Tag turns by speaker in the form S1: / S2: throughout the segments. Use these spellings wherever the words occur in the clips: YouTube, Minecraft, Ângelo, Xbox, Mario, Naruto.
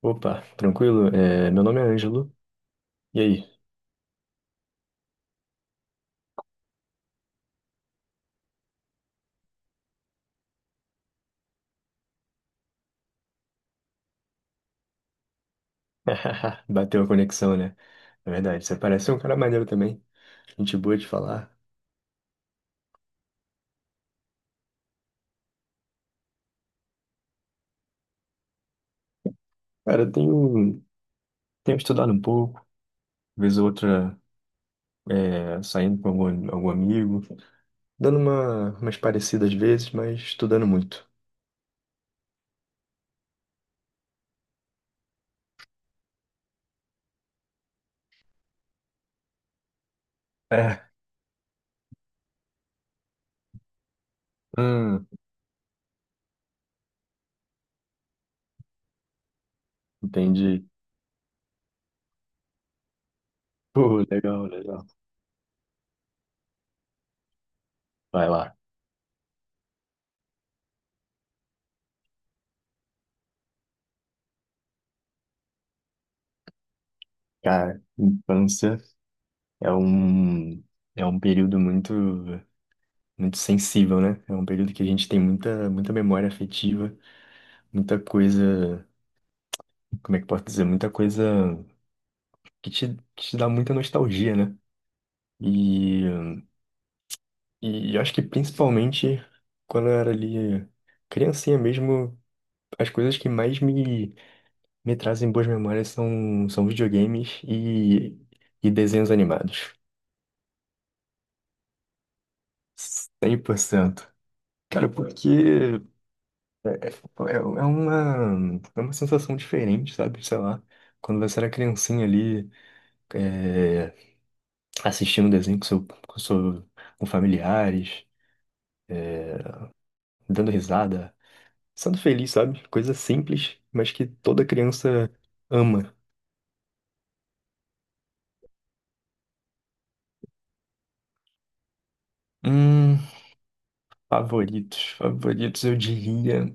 S1: Opa, tranquilo? É, meu nome é Ângelo. E aí? Bateu a conexão, né? Na verdade, você parece um cara maneiro também. Gente boa de falar. Cara, eu tenho estudado um pouco, vez ou outra saindo com algum amigo, dando uma, umas parecidas vezes, mas estudando muito. É, hum, entendi. Pô, legal, legal. Vai lá. Cara, infância é um, é um período muito sensível, né? É um período que a gente tem muita, muita memória afetiva, muita coisa, como é que eu posso dizer? Muita coisa que te dá muita nostalgia, né? E, e eu acho que principalmente quando eu era ali criancinha mesmo, as coisas que mais me trazem boas memórias são videogames e desenhos animados. 100%. Cara, porque tipo, é uma sensação diferente, sabe? Sei lá, quando você era criancinha ali, é, assistindo desenho com familiares, é, dando risada, sendo feliz, sabe? Coisa simples, mas que toda criança ama. Hum, favoritos, favoritos, eu diria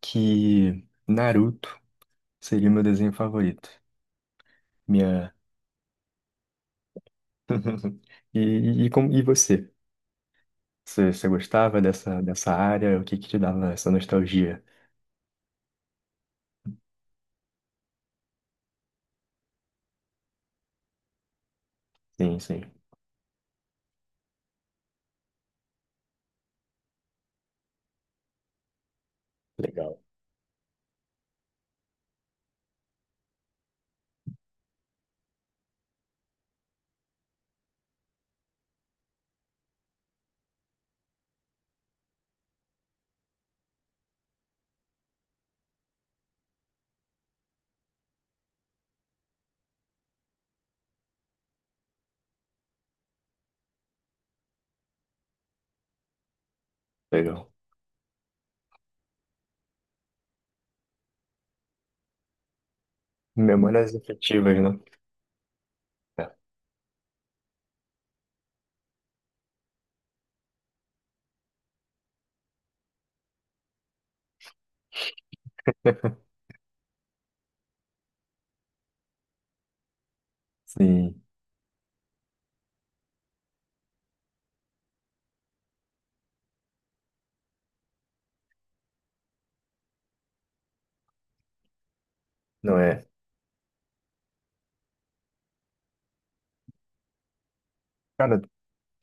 S1: que Naruto seria meu desenho favorito. Minha. E você? Você gostava dessa área? O que que te dava essa nostalgia? Sim, sim. Legal, legal. Memórias afetivas, né? É. Sim, não é? Cara,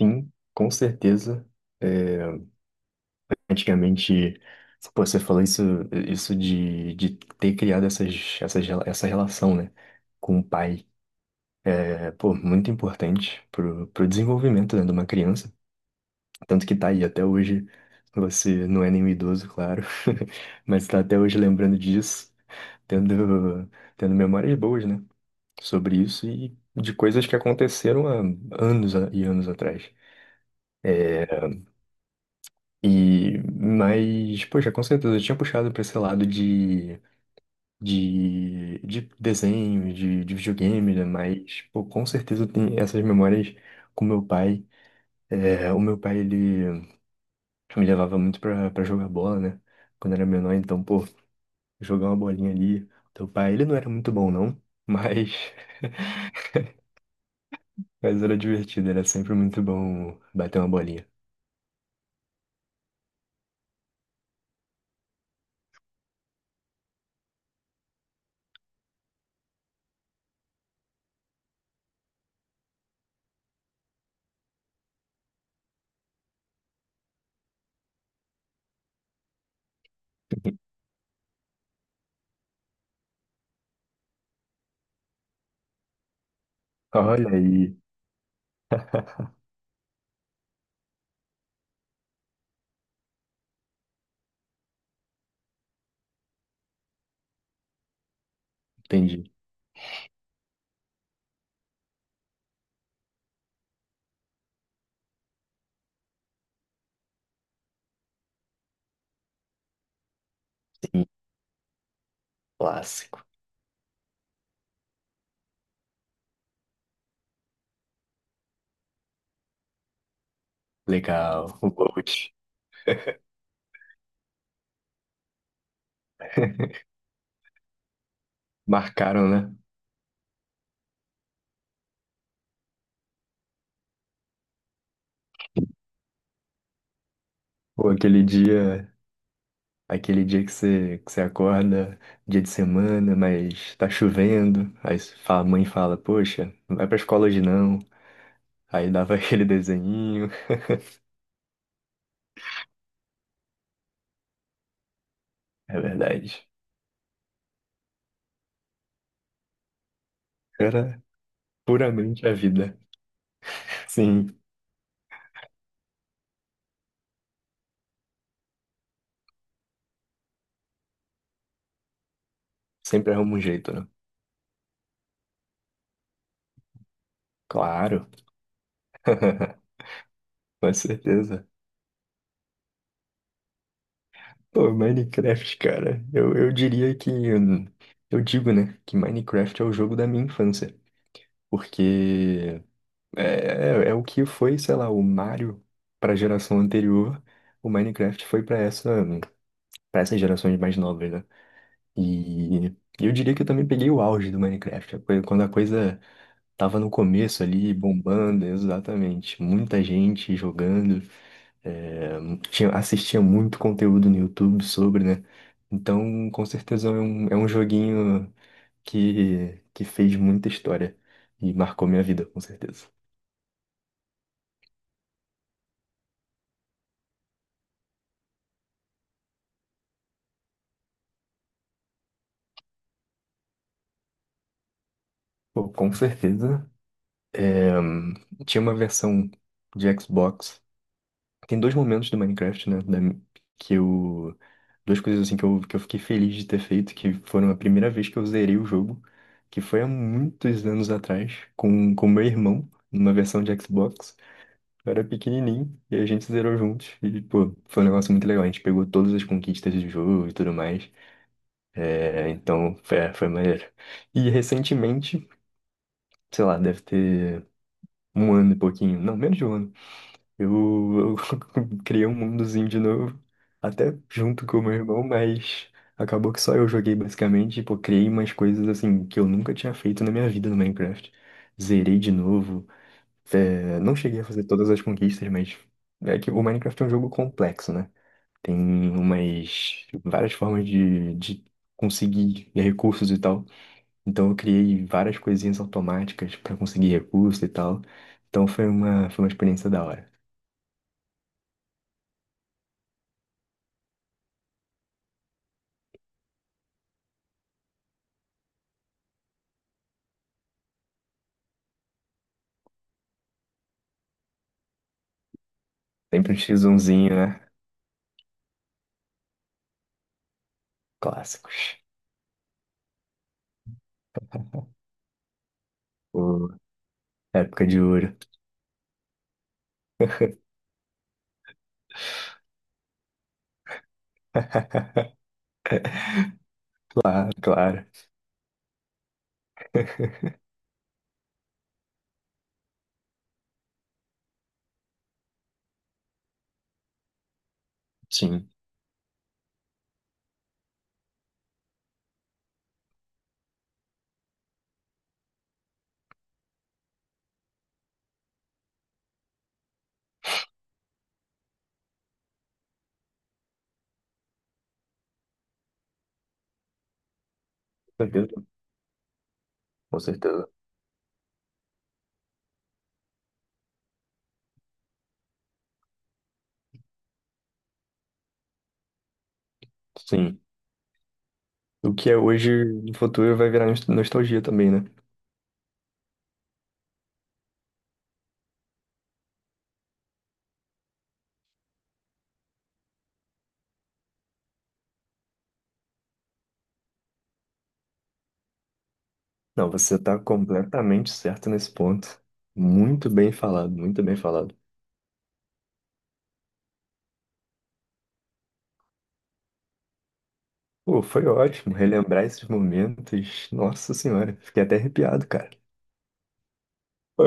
S1: sim, com certeza. É, antigamente, pô, você falou isso de ter criado essas, essa relação, né? Com o pai. É, pô, muito importante pro desenvolvimento, né, de uma criança. Tanto que tá aí até hoje. Você não é nenhum idoso, claro, mas tá até hoje lembrando disso, tendo, tendo memórias boas, né? Sobre isso e de coisas que aconteceram há anos e anos atrás. É, e, mas, poxa, com certeza, eu tinha puxado para esse lado de desenho, de videogame, né? Mas, pô, com certeza tem essas memórias com meu pai. É, o meu pai, ele Eu me levava muito pra jogar bola, né? Quando era menor, então, pô, jogar uma bolinha ali. Teu pai, ele não era muito bom, não, mas, mas era divertido, era sempre muito bom bater uma bolinha. Olha aí, entendi. Sim, clássico. Legal, o Bolt. Marcaram, né? Pô, aquele dia que você acorda, dia de semana, mas tá chovendo. Aí a mãe fala, poxa, não vai pra escola hoje não. Aí dava aquele desenho. É verdade. Era puramente a vida. Sim, sempre arruma um jeito, né? Claro, com certeza. Pô, Minecraft, cara, eu diria que. Eu digo, né, que Minecraft é o jogo da minha infância. Porque é, é o que foi, sei lá, o Mario para a geração anterior, o Minecraft foi para essa, para essas gerações mais novas, né? E eu diria que eu também peguei o auge do Minecraft, quando a coisa tava no começo ali, bombando, exatamente. Muita gente jogando. é, assistia muito conteúdo no YouTube sobre, né? Então, com certeza é um joguinho que fez muita história e marcou minha vida, com certeza. Pô, com certeza. é, tinha uma versão de Xbox. Tem dois momentos do Minecraft, né? da- que eu. Duas coisas assim que eu fiquei feliz de ter feito, que foram a primeira vez que eu zerei o jogo, que foi há muitos anos atrás, com meu irmão, numa versão de Xbox. Eu era pequenininho e a gente zerou juntos. E, pô, foi um negócio muito legal. A gente pegou todas as conquistas do jogo e tudo mais. É, então, foi maneiro. E recentemente, sei lá, deve ter um ano e pouquinho, não, menos de um ano. Eu criei um mundozinho de novo, até junto com o meu irmão, mas acabou que só eu joguei basicamente. Pô, criei umas coisas assim que eu nunca tinha feito na minha vida no Minecraft. Zerei de novo. É, não cheguei a fazer todas as conquistas, mas é que o Minecraft é um jogo complexo, né? Tem umas várias formas de conseguir recursos e tal. Então eu criei várias coisinhas automáticas para conseguir recursos e tal. Então foi uma experiência da hora. Sempre um x 1, né? Clássicos. Pô, época de ouro. Claro, claro. Sim, com certeza. Com certeza. Sim. O que é hoje, no futuro, vai virar nostalgia também, né? Não, você tá completamente certo nesse ponto. Muito bem falado, muito bem falado. Pô, foi ótimo relembrar esses momentos. Nossa Senhora, fiquei até arrepiado, cara. Pô,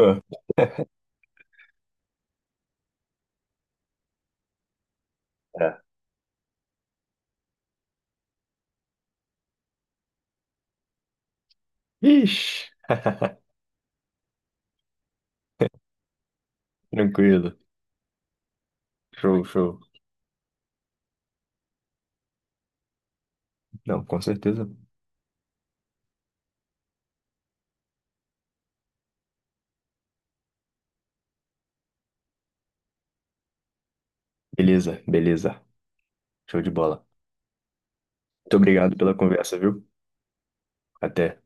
S1: é. Ixi, tranquilo. Show, show. Não, com certeza. Beleza, beleza. Show de bola. Muito obrigado pela conversa, viu? Até.